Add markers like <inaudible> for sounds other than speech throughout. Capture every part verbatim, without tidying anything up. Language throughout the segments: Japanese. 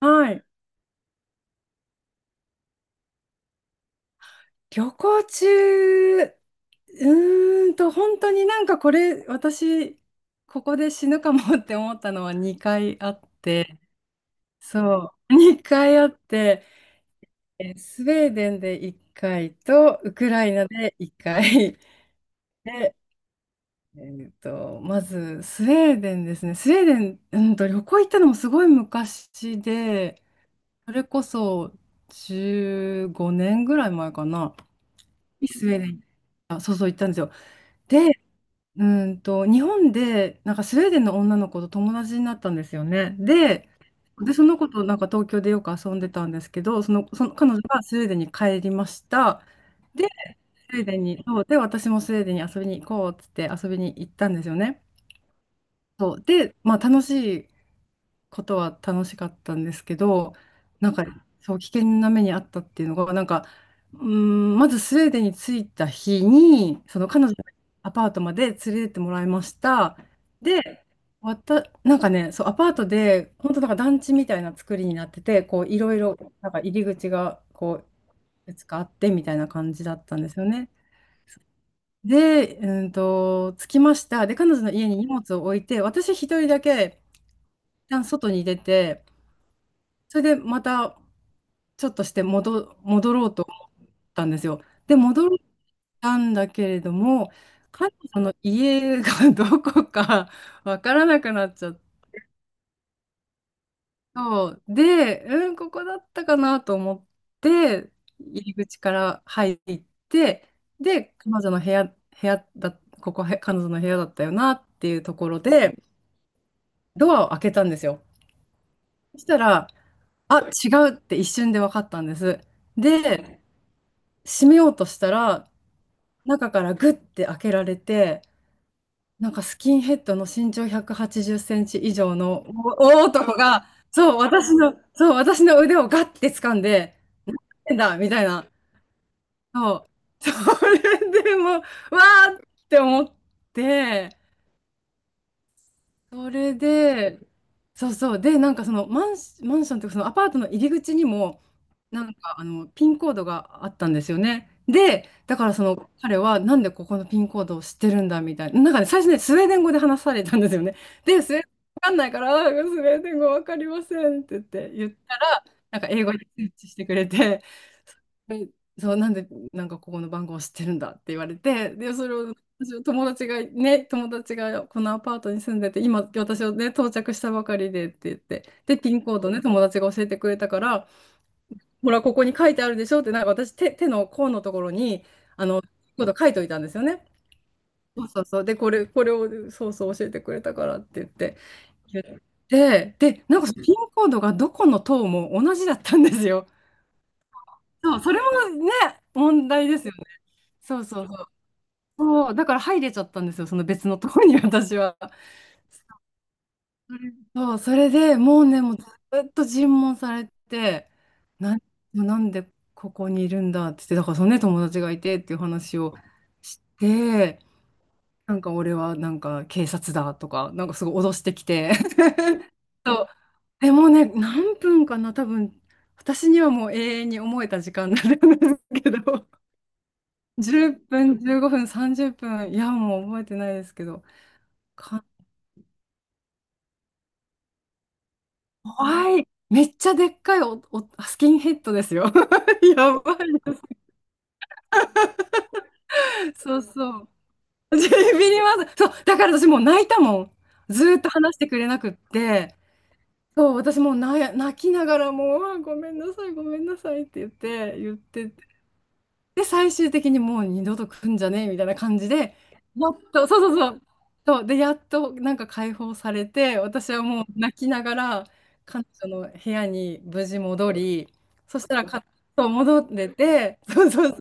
はい。旅行中、うーんと、本当になんかこれ、私、ここで死ぬかもって思ったのはにかいあって、そう、にかいあって、えースウェーデンでいっかいと、ウクライナでいっかい。で、えーと、まず、スウェーデンですね。スウェーデン、うんと、旅行行ったのもすごい昔で、それこそじゅうごねんぐらい前かな、スウェーデン行ったんですよ。うーんと、日本で、なんかスウェーデンの女の子と友達になったんですよね。で、で、その子となんか東京でよく遊んでたんですけど、その、その彼女がスウェーデンに帰りました。で、スウェーデンに、そうで、私もスウェーデンに遊びに行こうっつって遊びに行ったんですよね。そうで、まあ、楽しいことは楽しかったんですけど、なんか、そう、危険な目にあったっていうのが、なんか、うーん、まずスウェーデンに着いた日に、その彼女のアパートまで連れてってもらいました。で、わた、なんかね、そう、アパートで、本当なんか団地みたいな作りになってて、こう、いろいろ、なんか入り口が、こう、いくつかあってみたいな感じだったんですよね。で、うんと、着きました。で、彼女の家に荷物を置いて、私一人だけ、一旦外に出て、それでまたちょっとして戻、戻ろうと思ったんですよ。で、戻ったんだけれども、彼女の家が <laughs> どこかわからなくなっちゃった。で、うん、ここだったかなと思って、入り口から入って、で、彼女の部屋、部屋だ、ここへ彼女の部屋だったよなっていうところで、ドアを開けたんですよ。そしたら、あ、違うって一瞬で分かったんです。で、閉めようとしたら、中からグッて開けられて、なんかスキンヘッドの身長ひゃくはちじゅっセンチ以上の大男が、そう、私の、そう、私の腕をガッて掴んで、何だみたいな。そう。それでもう、わーって思って、それで、そうそう。で、なんかそのマンシ、マンションというかそのアパートの入り口にも、なんかあのピンコードがあったんですよね。で、だからその彼はなんでここのピンコードを知ってるんだみたいな。なんかね、最初ね、スウェーデン語で話されたんですよね。で、スウェーデン語わかんないから、あースウェーデン語わかりませんって言って言ったら、なんか英語にスイッチしてくれて、でそう、なんで、なんかここの番号を知ってるんだって言われて、で、それを私の友達がね、友達がこのアパートに住んでて、今私をね、到着したばかりでって言って、で、ピンコードね、友達が教えてくれたから、ほら、ここに書いてあるでしょって、なんか私手、手の甲のところに、あの、ピンコード書いといたんですよね。そうそうそう。で、これ、これを、そうそう教えてくれたからって言って。で、で、なんかピンコードがどこの塔も同じだったんですよ。そう、それもね、問題ですよね。そうそうそう。そう、だから入れちゃったんですよ、その別の塔に私は。それう、それでもうね、もうずっと尋問されて、な、なんでここにいるんだって言って、だからそのね、友達がいてっていう話をして、なんか俺はなんか警察だとか、なんかすごい脅してきて、<laughs> そうでもうね、何分かな、多分私にはもう永遠に思えた時間になるんですけど、じっぷん、じゅうごふん、さんじゅっぷん、いや、もう覚えてないですけど、はい。めっちゃでっかいお、お、スキンヘッドですよ。<laughs> やばいです。そうそう。<laughs> ビビります。そう、だから私もう泣いたもん。ずーっと話してくれなくって。そう、私もう泣泣きながらもう、あごめんなさい、ごめんなさいって言って、言ってて。で、最終的にもう二度と来んじゃねえみたいな感じで、やっと、そうそうそう、そう、で、やっとなんか解放されて、私はもう泣きながら、彼女の部屋に無事戻り、そしたらか、そう戻ってて、そうそう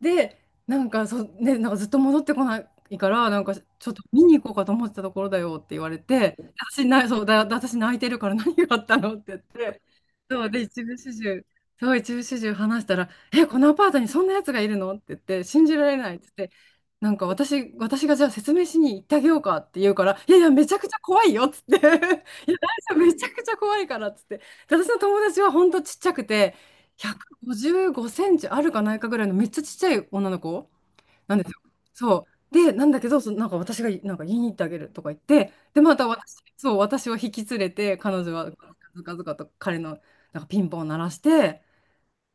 で、なんかそね、なんかずっと戻ってこないから、なんかちょっと見に行こうかと思ってたところだよって言われて、私、な、そうだ、だ私泣いてるから何があったのって言って、そうで、一部始終、そう、一部始終話したら、え、このアパートにそんなやつがいるのって言って、信じられないって言って、なんか私、私がじゃあ説明しに行ってあげようかって言うから、いやいや、めちゃくちゃ怖いよっつって、<laughs> いや、大丈夫、めちゃくちゃ怖いからっつって、で私の友達は本当ちっちゃくて、ひゃくごじゅうごセンチあるかないかぐらいのめっちゃちっちゃい女の子なんですよ。そう。で、なんだけど、そなんか私がなんか言いに行ってあげるとか言って、で、また私、そう、私を引き連れて、彼女はずかずかと彼のなんかピンポンを鳴らして、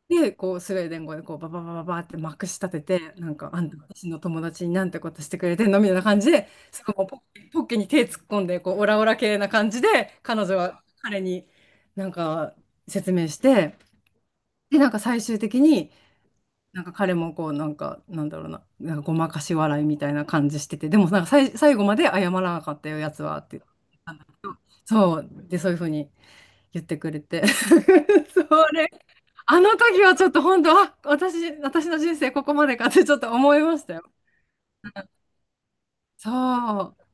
で、こうスウェーデン語でこうバババババってまくし立てて、なんかあんた私の友達になんてことしてくれてんのみたいな感じで、すごいもうポッケポッケに手突っ込んで、こうオラオラ系な感じで、彼女は彼になんか説明して、で、なんか最終的に、なんか彼もこうなんかなんだろうな、なんかごまかし笑いみたいな感じしてて、でもなんかさい最後まで謝らなかったよやつはって言ったんだけど、そうでそういうふうに言ってくれて、 <laughs> それあの時はちょっと本当、あ私私の人生ここまでかってちょっと思いましたよ。そう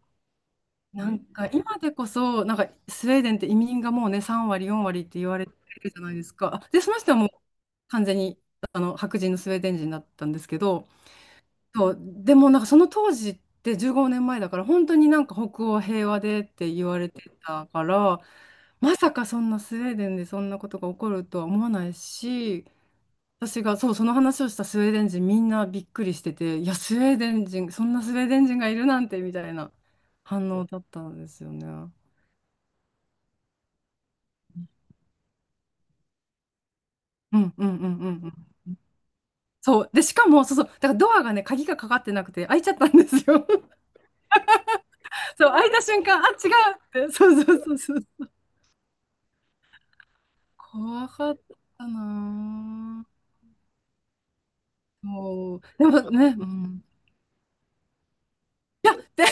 なんか今でこそなんかスウェーデンって移民がもうねさんわり割よんわり割って言われてるじゃないですか。でその人はもう完全にあの白人のスウェーデン人だったんですけど。そう、でもなんかその当時ってじゅうごねんまえだから本当になんか北欧平和でって言われてたから、まさかそんなスウェーデンでそんなことが起こるとは思わないし、私がそうその話をしたスウェーデン人みんなびっくりしてて、いやスウェーデン人、そんなスウェーデン人がいるなんてみたいな反応だったんですよね。うんうんうんうんうん。そうでしかもそうそうだからドアがね鍵がかかってなくて開いちゃったんですよ。<laughs> そう開いた瞬間あ違うってそうそうそうそう、怖かったなぁ。もう、でもね、うん。で、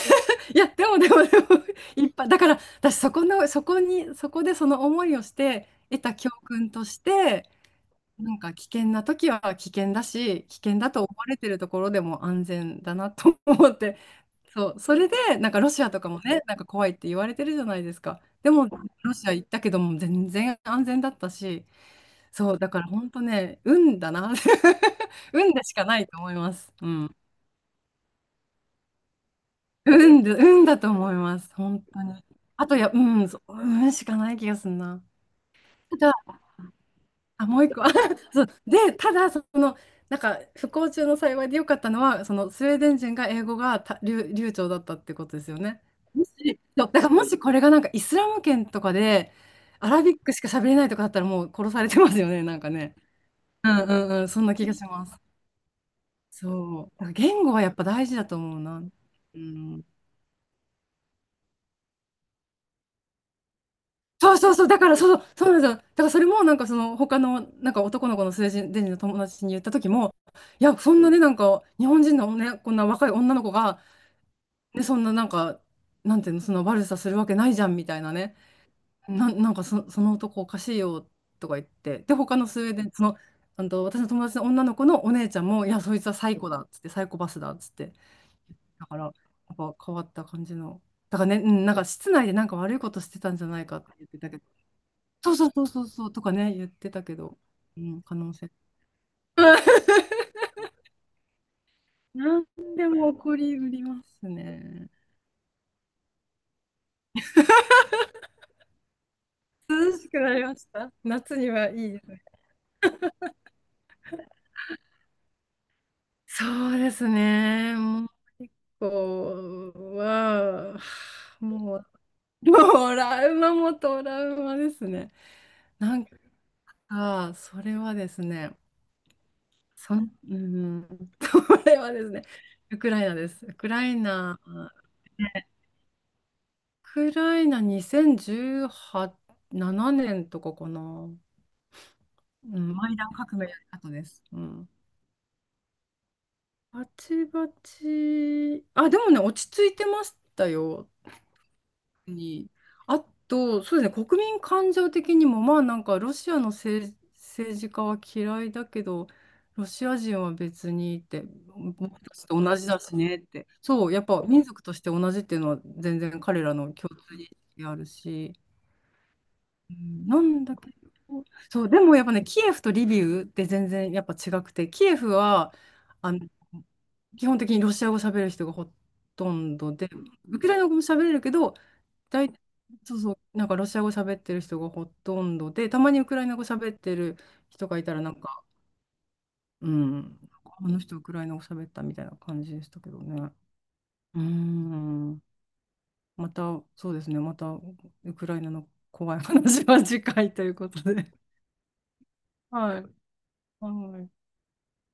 いや、でもでもでも、いっぱい、だから、私、そこの、そこに、そこでその思いをして、得た教訓として、なんか危険な時は危険だし、危険だと思われてるところでも安全だなと思って、<laughs> そう、それで、なんかロシアとかもね、なんか怖いって言われてるじゃないですか。でも、ロシア行ったけども、全然安全だったし、そう、だから本当ね、運だな。<laughs> 運でしかないと思います。うん。運で、運だと思います。本当に。あとや、うん、そう、運しかない気がすんな。ただ、あ、もう一個。<laughs> そう。で、ただ、その、なんか、不幸中の幸いで良かったのは、その、スウェーデン人が英語がた流、流暢だったってことですよね。もし、そうだからもしこれがなんか、イスラム圏とかで、アラビックしか喋れないとかだったら、もう殺されてますよね、なんかね。うんうんうん、そんな気がします。そう。だから言語はやっぱ大事だと思うな。うん。そうそうそう。だからそう、そうなんですよ。だからそれもなんかその他のなんか男の子のスウェーデン人の友達に言った時も、いや、そんなね、なんか日本人のね、こんな若い女の子が、ね、そんななんか、なんていうの、その悪さするわけないじゃんみたいなね、な、なんかそ、その男おかしいよとか言って、で、他のスウェーデン、その、あの私の友達の女の子のお姉ちゃんも、いや、そいつはサイコだっつって、サイコパスだっつって、だから、やっぱ変わった感じの、だからね、うん、なんか室内でなんか悪いことしてたんじゃないかって言ってたけど、そうそうそうそうそうとかね、言ってたけど、うん、可能性。<laughs> なんでも起こりうりますね。涼しくなりました。夏にはいいですね。そうですね。もう結構は、もう、<laughs> トラウマもトラウマですね。なんか、それはですね、そん、うん、<laughs> それはですね、ウクライナです。ウクライナ、ねウクライナにせんじゅうはち、ななねんとかかな。うん、マイダン革命の後です。うん。バチバチ、あ、でもね、落ち着いてましたよ。に、あと、そうですね、国民感情的にも、まあなんかロシアの政、政治家は嫌いだけど、ロシア人は別にって、僕たちと同じだしねって、そう、やっぱ民族として同じっていうのは全然彼らの共通認識あるし、うんなんだけど、そう、でもやっぱね、キエフとリビウって全然やっぱ違くて、キエフは、あの、基本的にロシア語喋る人がほとんどで、ウクライナ語も喋れるけど、大体そうそう、なんかロシア語喋ってる人がほとんどで、たまにウクライナ語喋ってる人がいたら、なんか、うん、あの人ウクライナ語喋ったみたいな感じでしたけどね。うん、また、そうですね、またウクライナの怖い話は次回ということで。<laughs> はい。はい